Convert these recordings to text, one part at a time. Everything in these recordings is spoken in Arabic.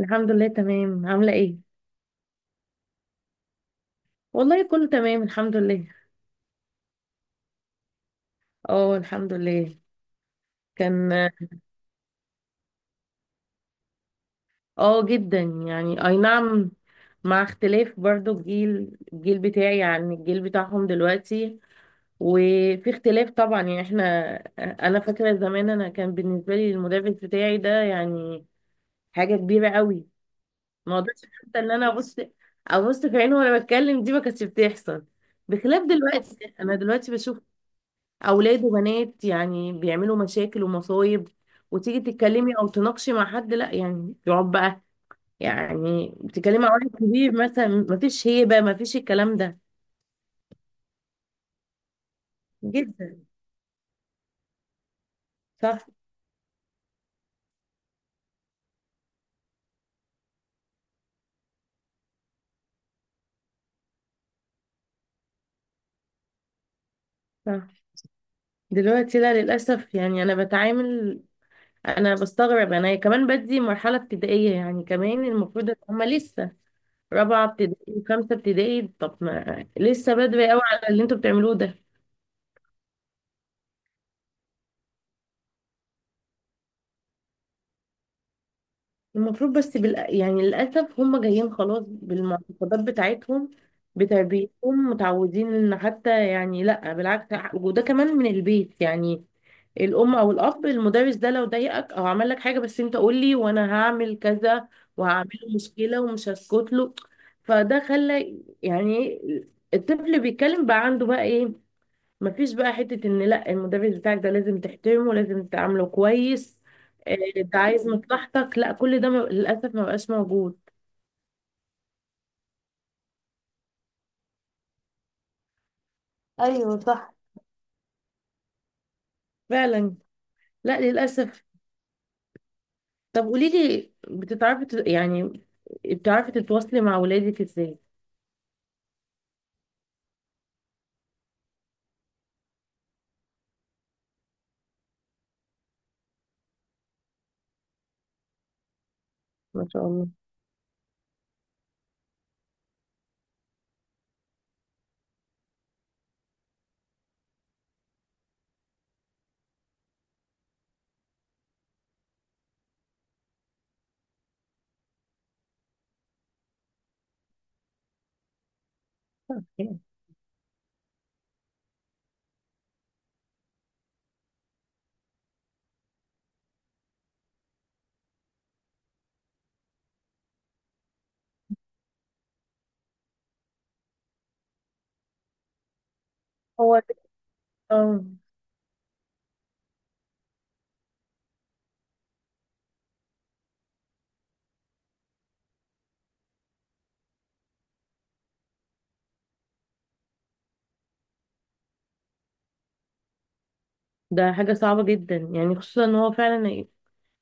الحمد لله، تمام. عاملة ايه؟ والله كله تمام الحمد لله. اه الحمد لله. كان اه جدا. يعني اي نعم. مع اختلاف برضو الجيل بتاعي عن الجيل بتاعهم دلوقتي. وفي اختلاف طبعا يعني احنا. انا فاكرة زمان كان بالنسبة لي المدرس بتاعي ده يعني حاجة كبيرة قوي. ما قدرتش حتى ان انا ابص في عينه وانا بتكلم، دي ما كانتش بتحصل. بخلاف دلوقتي، انا دلوقتي بشوف اولاد وبنات يعني بيعملوا مشاكل ومصايب، وتيجي تتكلمي او تناقشي مع حد لا يعني يقعد بقى. يعني بتتكلمي مع واحد كبير مثلا، مفيش هيبه، مفيش الكلام ده جدا. صح. صح. دلوقتي لا، للاسف. يعني انا بتعامل، انا بستغرب، انا كمان بدي مرحله ابتدائيه. يعني كمان المفروض ان هما لسه رابعه ابتدائي وخمسه ابتدائي. طب ما لسه بدري قوي على اللي انتوا بتعملوه ده. المفروض، يعني للأسف هم جايين خلاص بالمعتقدات بتاعتهم، بتربيتهم، متعودين ان حتى يعني لا بالعكس، وده كمان من البيت. يعني الأم أو الأب: المدرس ده لو ضايقك أو عمل لك حاجة، بس أنت قول لي وأنا هعمل كذا وهعمله مشكلة ومش هسكت له. فده خلى يعني الطفل بيتكلم بقى عنده بقى إيه، مفيش بقى حتة ان لا المدرس بتاعك ده لازم تحترمه، لازم تعامله كويس، انت عايز مصلحتك. لا، كل ده للأسف ما بقاش موجود. ايوه صح. فعلا. لا للأسف. طب قولي لي، يعني بتعرفي تتواصلي مع ولادك ازاي؟ ما شاء الله. هو ده. اه، ده حاجة صعبة جدا. يعني خصوصا ان هو فعلا ايه،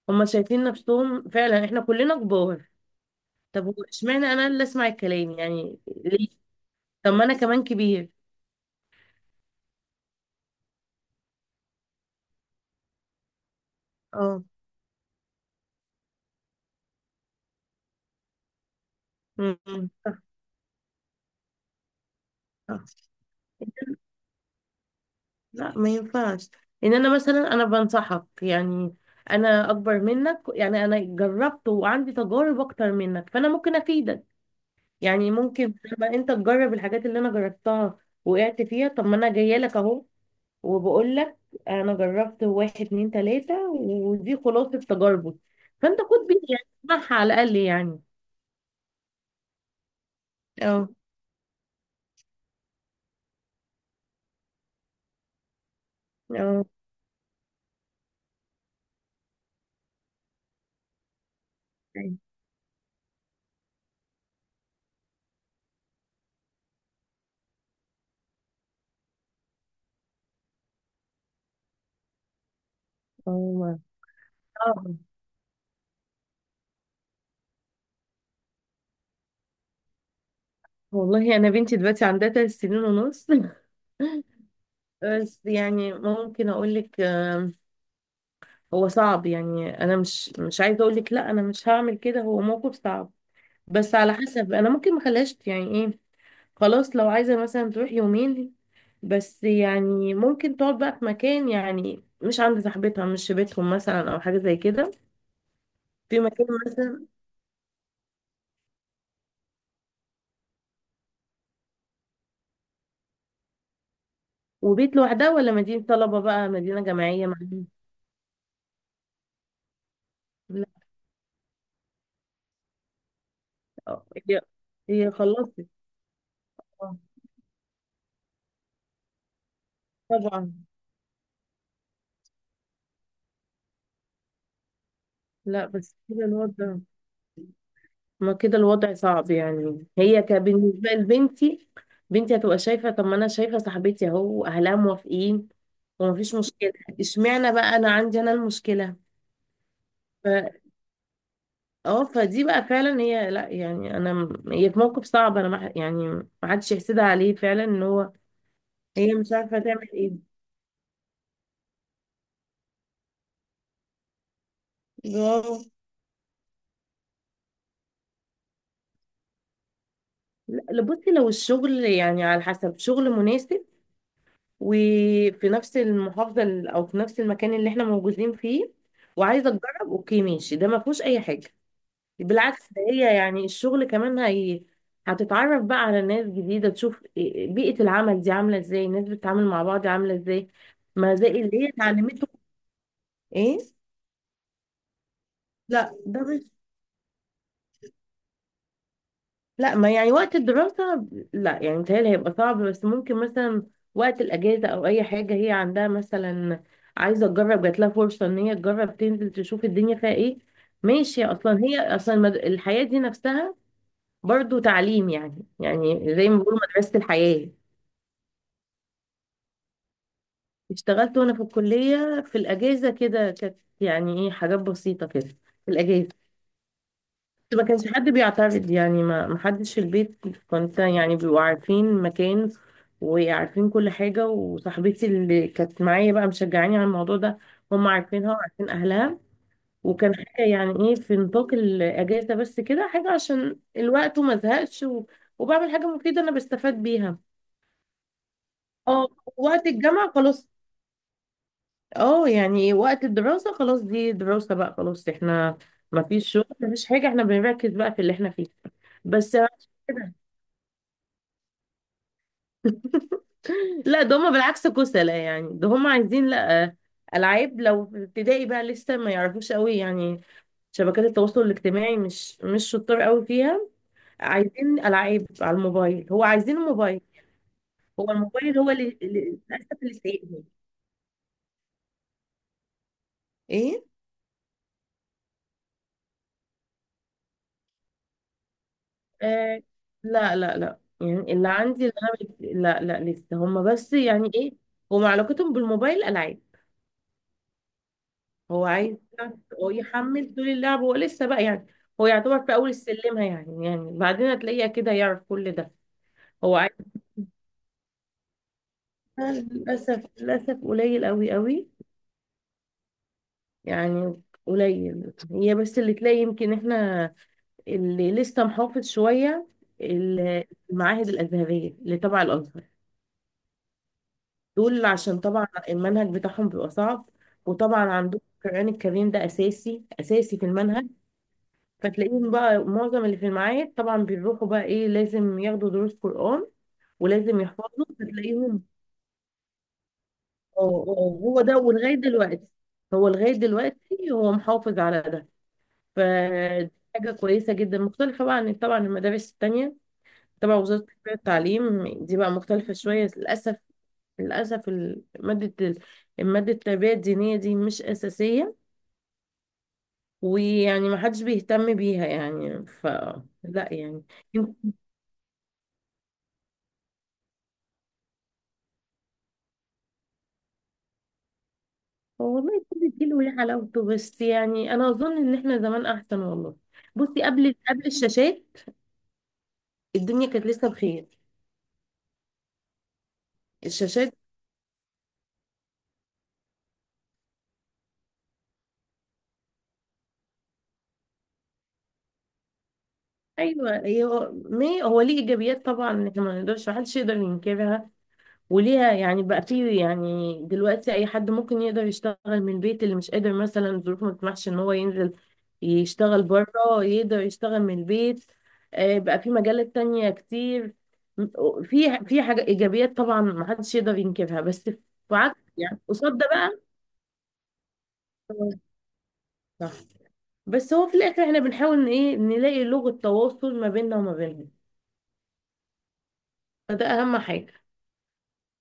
هما شايفين نفسهم فعلا احنا كلنا كبار. طب هو اشمعنى انا اللي اسمع الكلام يعني؟ ليه؟ طب ما انا كمان كبير. اه. مم. صح. صح. لا ما ينفعش. ان انا مثلا انا بنصحك يعني، انا اكبر منك، يعني انا جربت وعندي تجارب اكتر منك، فانا ممكن افيدك. يعني ممكن لما انت تجرب الحاجات اللي انا جربتها، وقعت فيها، طب ما انا جايه لك اهو وبقول لك انا جربت واحد اتنين تلاته، ودي خلاصه تجاربه، فانت خد بيه يعني، اسمعها على الاقل يعني. اه. اه. أيوة. اه. والله انا بنتي دلوقتي عندها 3 سنين ونص بس يعني ممكن اقول لك، هو صعب يعني، انا مش عايزه اقول لك لا انا مش هعمل كده، هو موقف صعب. بس على حسب، انا ممكن ما اخليهاش يعني ايه، خلاص لو عايزه مثلا تروح يومين، بس يعني ممكن تقعد بقى في مكان، يعني مش عند صاحبتها، مش في بيتهم مثلا، او حاجه زي كده. في مكان مثلا. وبيت لوحدها ولا مدينه طلبه، بقى مدينه جامعيه مع مين؟ لا، هي هي خلصت. آه، طبعا. لا بس كده الوضع، ما كده الوضع صعب. يعني هي بالنسبة لبنتي، بنتي هتبقى شايفة طب ما أنا شايفة صاحبتي أهو أهلها موافقين ومفيش مشكلة، اشمعنى بقى أنا عندي أنا المشكلة؟ ف... اه، فدي بقى فعلا هي لا يعني، أنا هي في موقف صعب، أنا ما... يعني ما حدش يحسدها عليه فعلا، إن هو هي مش عارفة تعمل إيه. برافو. لا لا، بصي، لو الشغل يعني على حسب، شغل مناسب وفي نفس المحافظة أو في نفس المكان اللي احنا موجودين فيه وعايزة تجرب، أوكي ماشي، ده ما فيهوش أي حاجة. بالعكس، ده هي يعني الشغل كمان هي هتتعرف بقى على ناس جديدة، بيئة العمل دي عاملة ازاي، الناس بتتعامل مع بعض عاملة ازاي، ما زي اللي هي اتعلمته. ايه. لا ده مش، لا ما يعني وقت الدراسة، لا يعني متهيألي هيبقى صعب. بس ممكن مثلا وقت الأجازة أو أي حاجة هي عندها مثلا، عايزة تجرب، جات لها فرصة إن هي تجرب تنزل تشوف الدنيا فيها إيه، ماشي. أصلا هي أصلا الحياة دي نفسها برضو تعليم، يعني يعني زي ما بيقولوا مدرسة الحياة. اشتغلت وأنا في الكلية، في الأجازة كده، كانت يعني إيه حاجات بسيطة كده في الأجازة. ما كانش حد بيعترض يعني، ما حدش في البيت، كنت يعني بيبقوا عارفين مكان وعارفين كل حاجة، وصاحبتي اللي كانت معايا بقى مشجعاني على الموضوع ده، هم عارفينها وعارفين أهلها. وكان حاجة يعني إيه في نطاق الأجازة بس كده، حاجة عشان الوقت وما أزهقش وبعمل حاجة مفيدة أنا بستفاد بيها. اه. وقت الجامعة خلاص. اه يعني وقت الدراسة خلاص، دي دراسة بقى، خلاص احنا ما فيش شغل ما فيش حاجة، احنا بنركز بقى في اللي احنا فيه. بس. لا، ده هما بالعكس كسلة، يعني ده هما عايزين، لا، ألعاب. لو في ابتدائي بقى لسه ما يعرفوش قوي يعني شبكات التواصل الاجتماعي، مش شطار قوي فيها، عايزين ألعاب على الموبايل. هو عايزين الموبايل. هو الموبايل هو للأسف اللي سايقهم. ايه. آه لا لا لا، يعني اللي عندي، لا لا لسه هما، بس يعني إيه، هما علاقتهم بالموبايل ألعاب. هو عايز، هو يحمل طول اللعب. هو لسه بقى يعني، هو يعتبر في اول السلمه يعني، يعني بعدين هتلاقيه كده يعرف كل ده. هو عايز، للاسف، للاسف قليل قوي قوي. يعني قليل، هي بس اللي تلاقي يمكن احنا اللي لسه محافظ شويه، ال- المعاهد الازهريه اللي تبع الازهر. دول عشان طبعا المنهج بتاعهم بيبقى صعب، وطبعا عندهم القران الكريم ده اساسي في المنهج، فتلاقيهم بقى معظم اللي في المعاهد طبعا بيروحوا بقى ايه، لازم ياخدوا دروس قرآن ولازم يحفظوا، فتلاقيهم. اه. اه هو ده، ولغاية دلوقتي هو لغاية دلوقتي هو محافظ على ده. فدي حاجة كويسة جدا، مختلفة بقى عن طبعا المدارس التانية تبع وزارة التربية والتعليم، دي بقى مختلفة شوية للأسف. للأسف المادة التربية الدينية دي مش أساسية، ويعني ما حدش بيهتم بيها يعني ف، لا يعني. هو والله كل جيل وليه حلاوته، بس يعني انا اظن ان احنا زمان احسن والله. بصي، قبل قبل الشاشات الدنيا كانت لسه بخير. الشاشات، ايوه. هي هو ما هي- هو ليه ايجابيات طبعا، احنا ما نقدرش، محدش يقدر ينكرها، وليها يعني بقى في، يعني دلوقتي اي حد ممكن يقدر يشتغل من البيت، اللي مش قادر مثلا الظروف ما تسمحش ان هو ينزل يشتغل بره، يقدر يشتغل من البيت. بقى في مجالات تانية كتير، في في حاجة، ايجابيات طبعا ما حدش يقدر ينكرها، بس في عكس يعني قصاد ده بقى. صح. بس هو في الاخر احنا بنحاول ان ايه نلاقي لغة تواصل ما بيننا وما بينهم، فده اهم حاجة.